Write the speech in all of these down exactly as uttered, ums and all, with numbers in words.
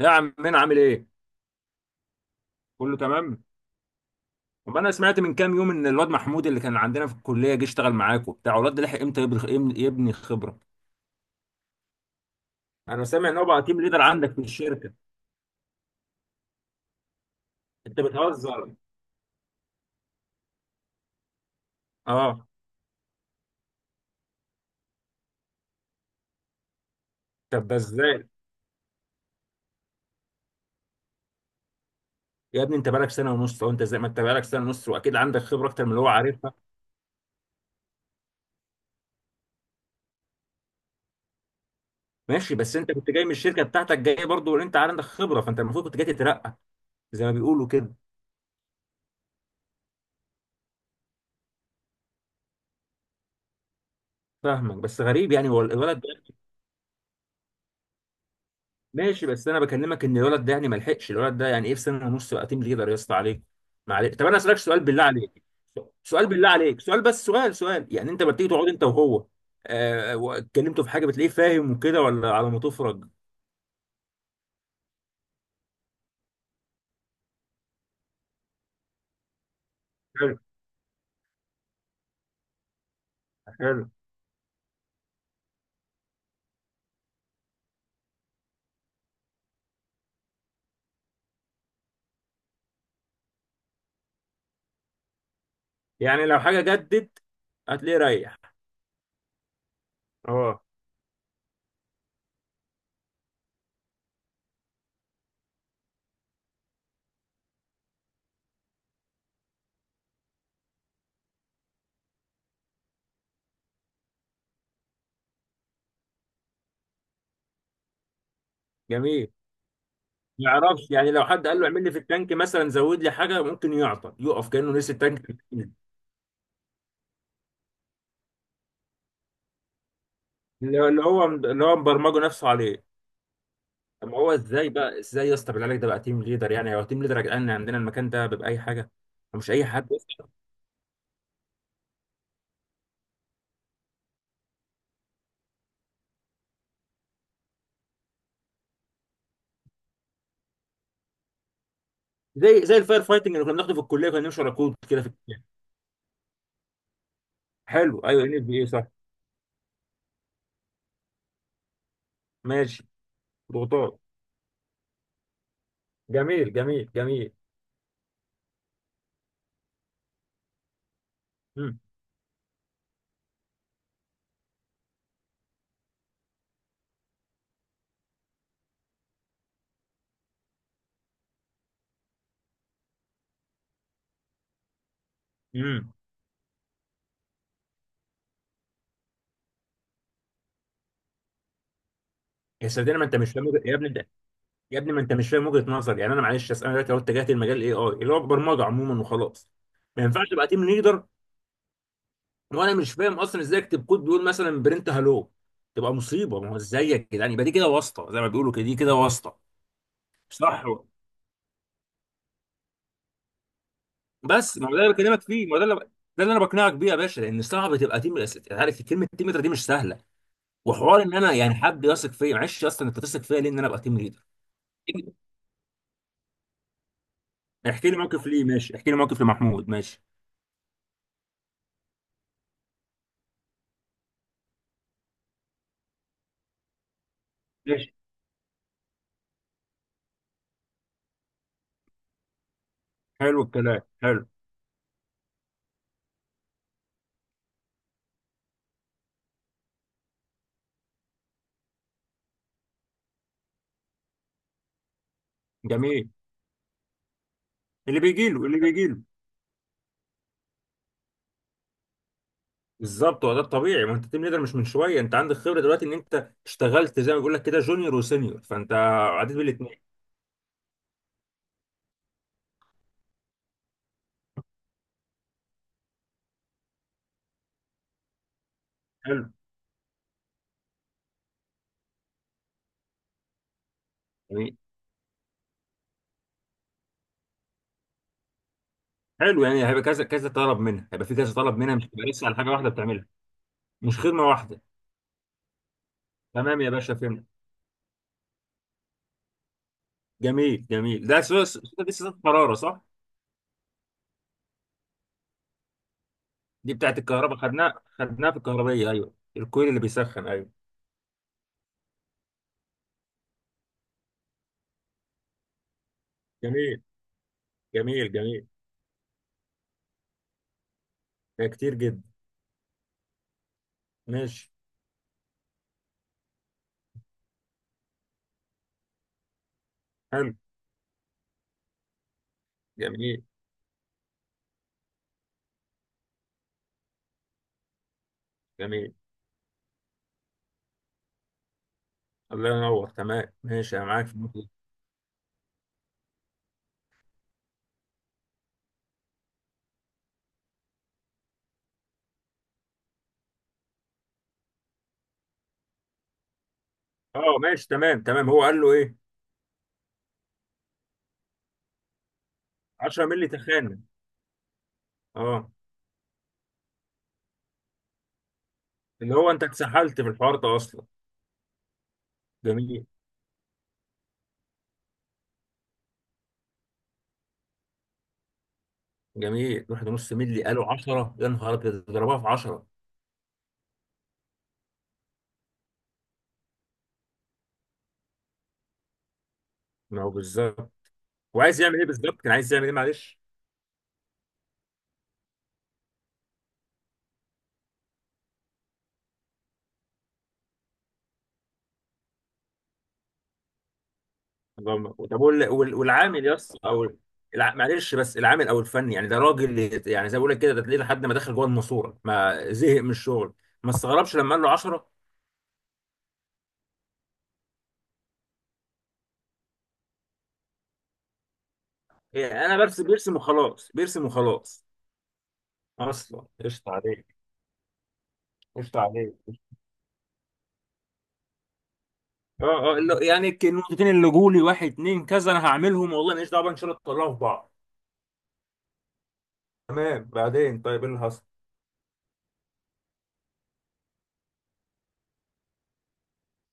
يا عمنا عامل ايه؟ كله تمام؟ طب انا سمعت من كام يوم ان الواد محمود اللي كان عندنا في الكليه جه اشتغل معاك وبتاع الواد ده لحق امتى يبني يبني خبره؟ انا سامع ان هو بقى تيم ليدر عندك في الشركه. انت بتهزر. اه. طب ده ازاي؟ يا ابني انت بقالك سنه ونص وانت زي ما انت بقالك سنه ونص واكيد عندك خبره اكتر من اللي هو عارفها. ماشي بس انت كنت جاي من الشركه بتاعتك جاي برضه وانت عندك خبره، فانت المفروض كنت جاي تترقى زي ما بيقولوا كده. فاهمك بس غريب يعني هو الولد. ماشي بس انا بكلمك ان الولد ده يعني ما لحقش، الولد ده يعني ايه في سنه ونص بقى تيم ليدر؟ يا اسطى عليك. معلش طب انا اسالك سؤال بالله عليك، سؤال بالله عليك سؤال، بس سؤال، سؤال، يعني انت لما بتيجي تقعد انت وهو. آه، واتكلمتوا في حاجه بتلاقيه فاهم وكده ولا على ما تفرج؟ حلو. حلو يعني لو حاجه جدت هتلاقيه ريح. اه. جميل. ما يعرفش يعني، لو حد قال له اعمل لي في التانك مثلا زود لي حاجه ممكن يعطل يقف كانه نسي التانك. اللي هو اللي هو اللي هو مبرمجه نفسه عليه. طب ما هو ازاي بقى، ازاي يا اسطى بالله عليك ده بقى تيم ليدر؟ يعني هو تيم ليدر يا جدعان؟ عندنا المكان ده بيبقى اي حاجه. مش اي حد يا اسطى. زي زي الفاير فايتنج اللي كنا بناخده في الكليه، كنا نمشي ورا كود كده في الكليه. حلو، ايوه، ان بي اي صح. ماشي. ضغوطات. جميل جميل جميل. امم امم يا سيدنا ما انت مش فاهم وجهة- يا ابني ده. يا ابني ما انت مش فاهم وجهه نظر، يعني انا معلش أصل انا دلوقتي لو اتجهت لمجال الاي اي اللي هو برمجه عموما وخلاص، ما ينفعش تبقى تيم ليدر. وانا مش فاهم اصلا ازاي اكتب كود بيقول مثلا برنت هالو. تبقى مصيبه. ما هو ازاي يا جدعان؟ يبقى دي كده واسطه زي ما بيقولوا كده، دي كده واسطه. صح. بس ما هو ده اللي بكلمك فيه، ما هو ده اللي ده اللي انا بقنعك بيه يا باشا، لان صعب تبقى تيم الاساسي. عارف كلمه تيم ليدر دي مش سهله. وحوار ان انا يعني حد يثق فيا، معلش اصلا انت تثق فيا ليه ان انا ابقى تيم ليدر؟ احكي لي موقف ليه. ماشي. احكي لي موقف لمحمود. ماشي. ماشي. حلو الكلام. حلو. جميل. اللي بيجي له اللي بيجي له. بالظبط، هو ده الطبيعي. ما انت تيم ليدر مش من شويه، انت عندك خبره دلوقتي، ان انت اشتغلت زي ما بيقول لك كده جونيور وسينيور، فانت عديت بالاثنين. حلو يعني حلو يعني هيبقى كذا كذا طلب منها، هيبقى في كذا طلب منها، مش هتبقى لسه على حاجه واحده بتعملها. مش خدمه واحده. تمام يا باشا، فهمت. جميل جميل، ده سو- سو- دي سوسه حراره، صح؟ دي بتاعت الكهرباء، خدناها خدناها في الكهربيه، ايوه، الكويل اللي بيسخن، ايوه. جميل جميل جميل. ده كتير جدا. ماشي. حلو. جميل جميل. الله ينور. تمام ماشي انا معاك. اه ماشي تمام تمام، هو قال له ايه؟ 10 مللي تخانه. اه. اللي هو انت اتسحلت في الحوار ده اصلا. جميل. جميل واحد ونص مللي قالوا عشرة، يا نهار ابيض، ضربها في عشرة. ما هو بالظبط. وعايز يعمل ايه بالظبط؟ كان عايز يعمل ايه معلش؟ اللهم- طب وال- وال- والعامل يا اسطى، او الع... معلش، بس العامل او الفني يعني ده راجل، يعني زي ما بقول لك كده ده تلاقيه لحد ما دخل جوه الماسوره ما زهق من الشغل. ما استغربش لما قال له عشرة. إيه، انا برسم، بيرسم وخلاص، بيرسم وخلاص. اصلا قشطه عليك. قشطه عليك. اه. اه. اللي- يعني ك- النقطتين اللي جولي واحد اتنين كذا انا هعملهم، والله ماليش دعوه بقى، ان شاء الله تطلعوا في بعض. تمام، بعدين طيب ايه اللي حصل؟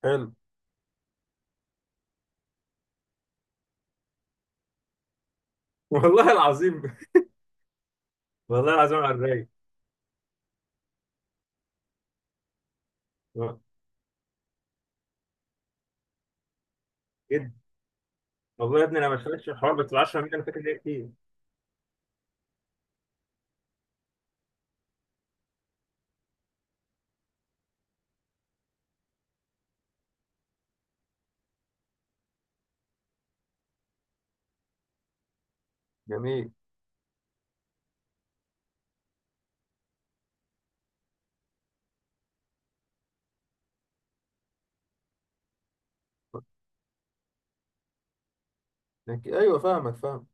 حلو. والله العظيم. والله العظيم على الرايق. آه، جدا. والله يا ابني انا ما دخلتش الحوار بس 10 مليون انا فاكر ان هي كتير. جميل. لك- ايوه فاهمك، فاهم.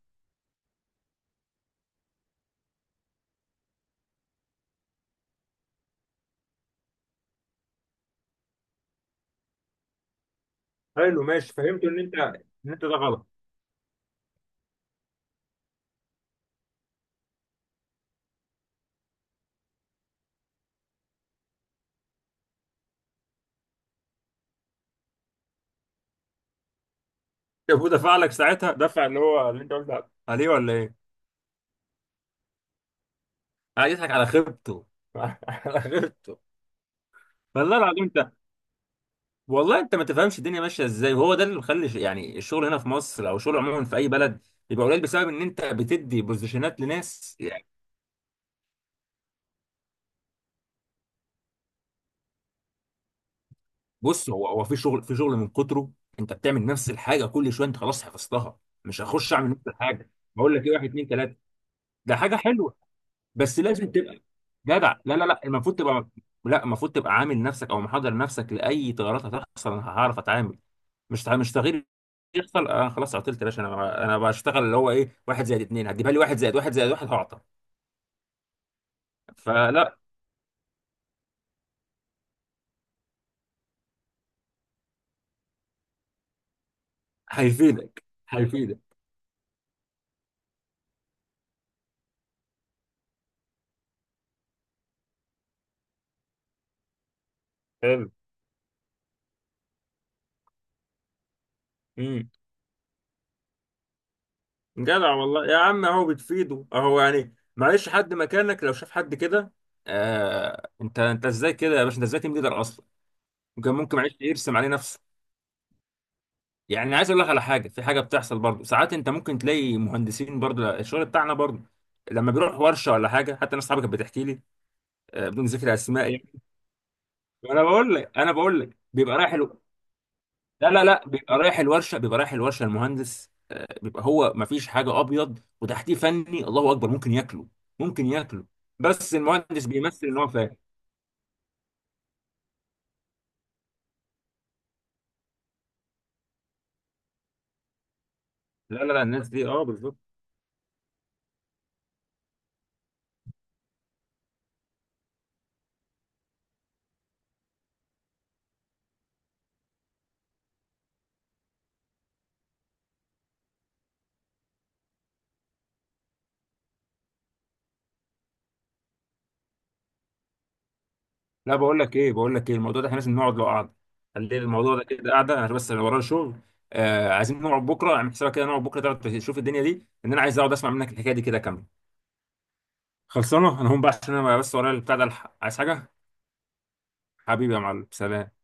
حلو، ماشي، فهمت ان انت ان انت ده غلط. طب ودفع لك ساعتها دفع اللي هو اللي انت قلت عليه ولا ايه؟ قاعد يضحك على خيبته. على خيبته. والله العظيم. والله انت ما تفهمش الدنيا ماشيه ازاي، وهو ده اللي مخلي ش- يعني الشغل هنا في مصر، او الشغل عموما في اي بلد بيبقى قليل، بسبب ان انت بتدي بوزيشنات لناس يعني. بص، هو هو في شغل في شغل من كتره انت بتعمل نفس الحاجه كل شويه، انت خلاص حفظتها. مش هخش اعمل نفس الحاجه، بقول لك ايه واحد اتنين تلاته. ده حاجه حلوه. بس لازم تبقى جدع. لا لا لا، المفروض تبقى، لا، المفروض تبقى عامل نفسك او محضر نفسك لاي تغيرات هتحصل، انا هعرف اتعامل. مش تع- مش تغيير يحصل انا خلاص عطلت يا باشا، انا انا بشتغل اللي هو ايه، واحد زائد اتنين هتجيبها لي واحد زائد واحد زائد واحد، هعطل. فلا. هيفيدك. هيفيدك. حلو. امم. جدع والله يا عم، اهو بتفيده، اهو يعني معلش حد مكانك لو شاف حد كده. آه، انت انت ازاي كده يا باشا؟ انت ازاي تيم ليدر اصلا؟ وكان ممكن معلش يرسم عليه نفسه. يعني عايز اقول لك على حاجه، في حاجه بتحصل برضه ساعات، انت ممكن تلاقي مهندسين برضه، الشغل بتاعنا برضه لما بيروح ورشه ولا حاجه، حتى ناس صحابي كانت بتحكي لي. آه، بدون ذكر اسماء. انا بقول لك انا بقول لك بيبقى رايح الو... لا لا لا، بيبقى رايح الورشه، بيبقى رايح الورشه المهندس. آه، بيبقى هو، ما فيش حاجه، ابيض وتحتيه فني، الله اكبر، ممكن ياكله. ممكن ياكله. بس المهندس بيمثل ان هو فاهم. لا لا لا، الناس دي اه بالظبط. لا، بقول لك ايه بقول لك ايه الموضوع ده احنا لازم نقعد له قعده. خلي الموضوع ده كده قاعده، انا بس انا ورايا شغل. آه، عايزين نقعد بكره، اعمل حسابك كده، نقعد بكره تقعد تشوف الدنيا دي، ان انا عايز اقعد اسمع منك الحكايه دي كده كامله. خلصانه. انا هقوم بقى عشان انا بس ورايا البتاع ده، الحق عايز حاجه. حبيبي يا معلم، سلام.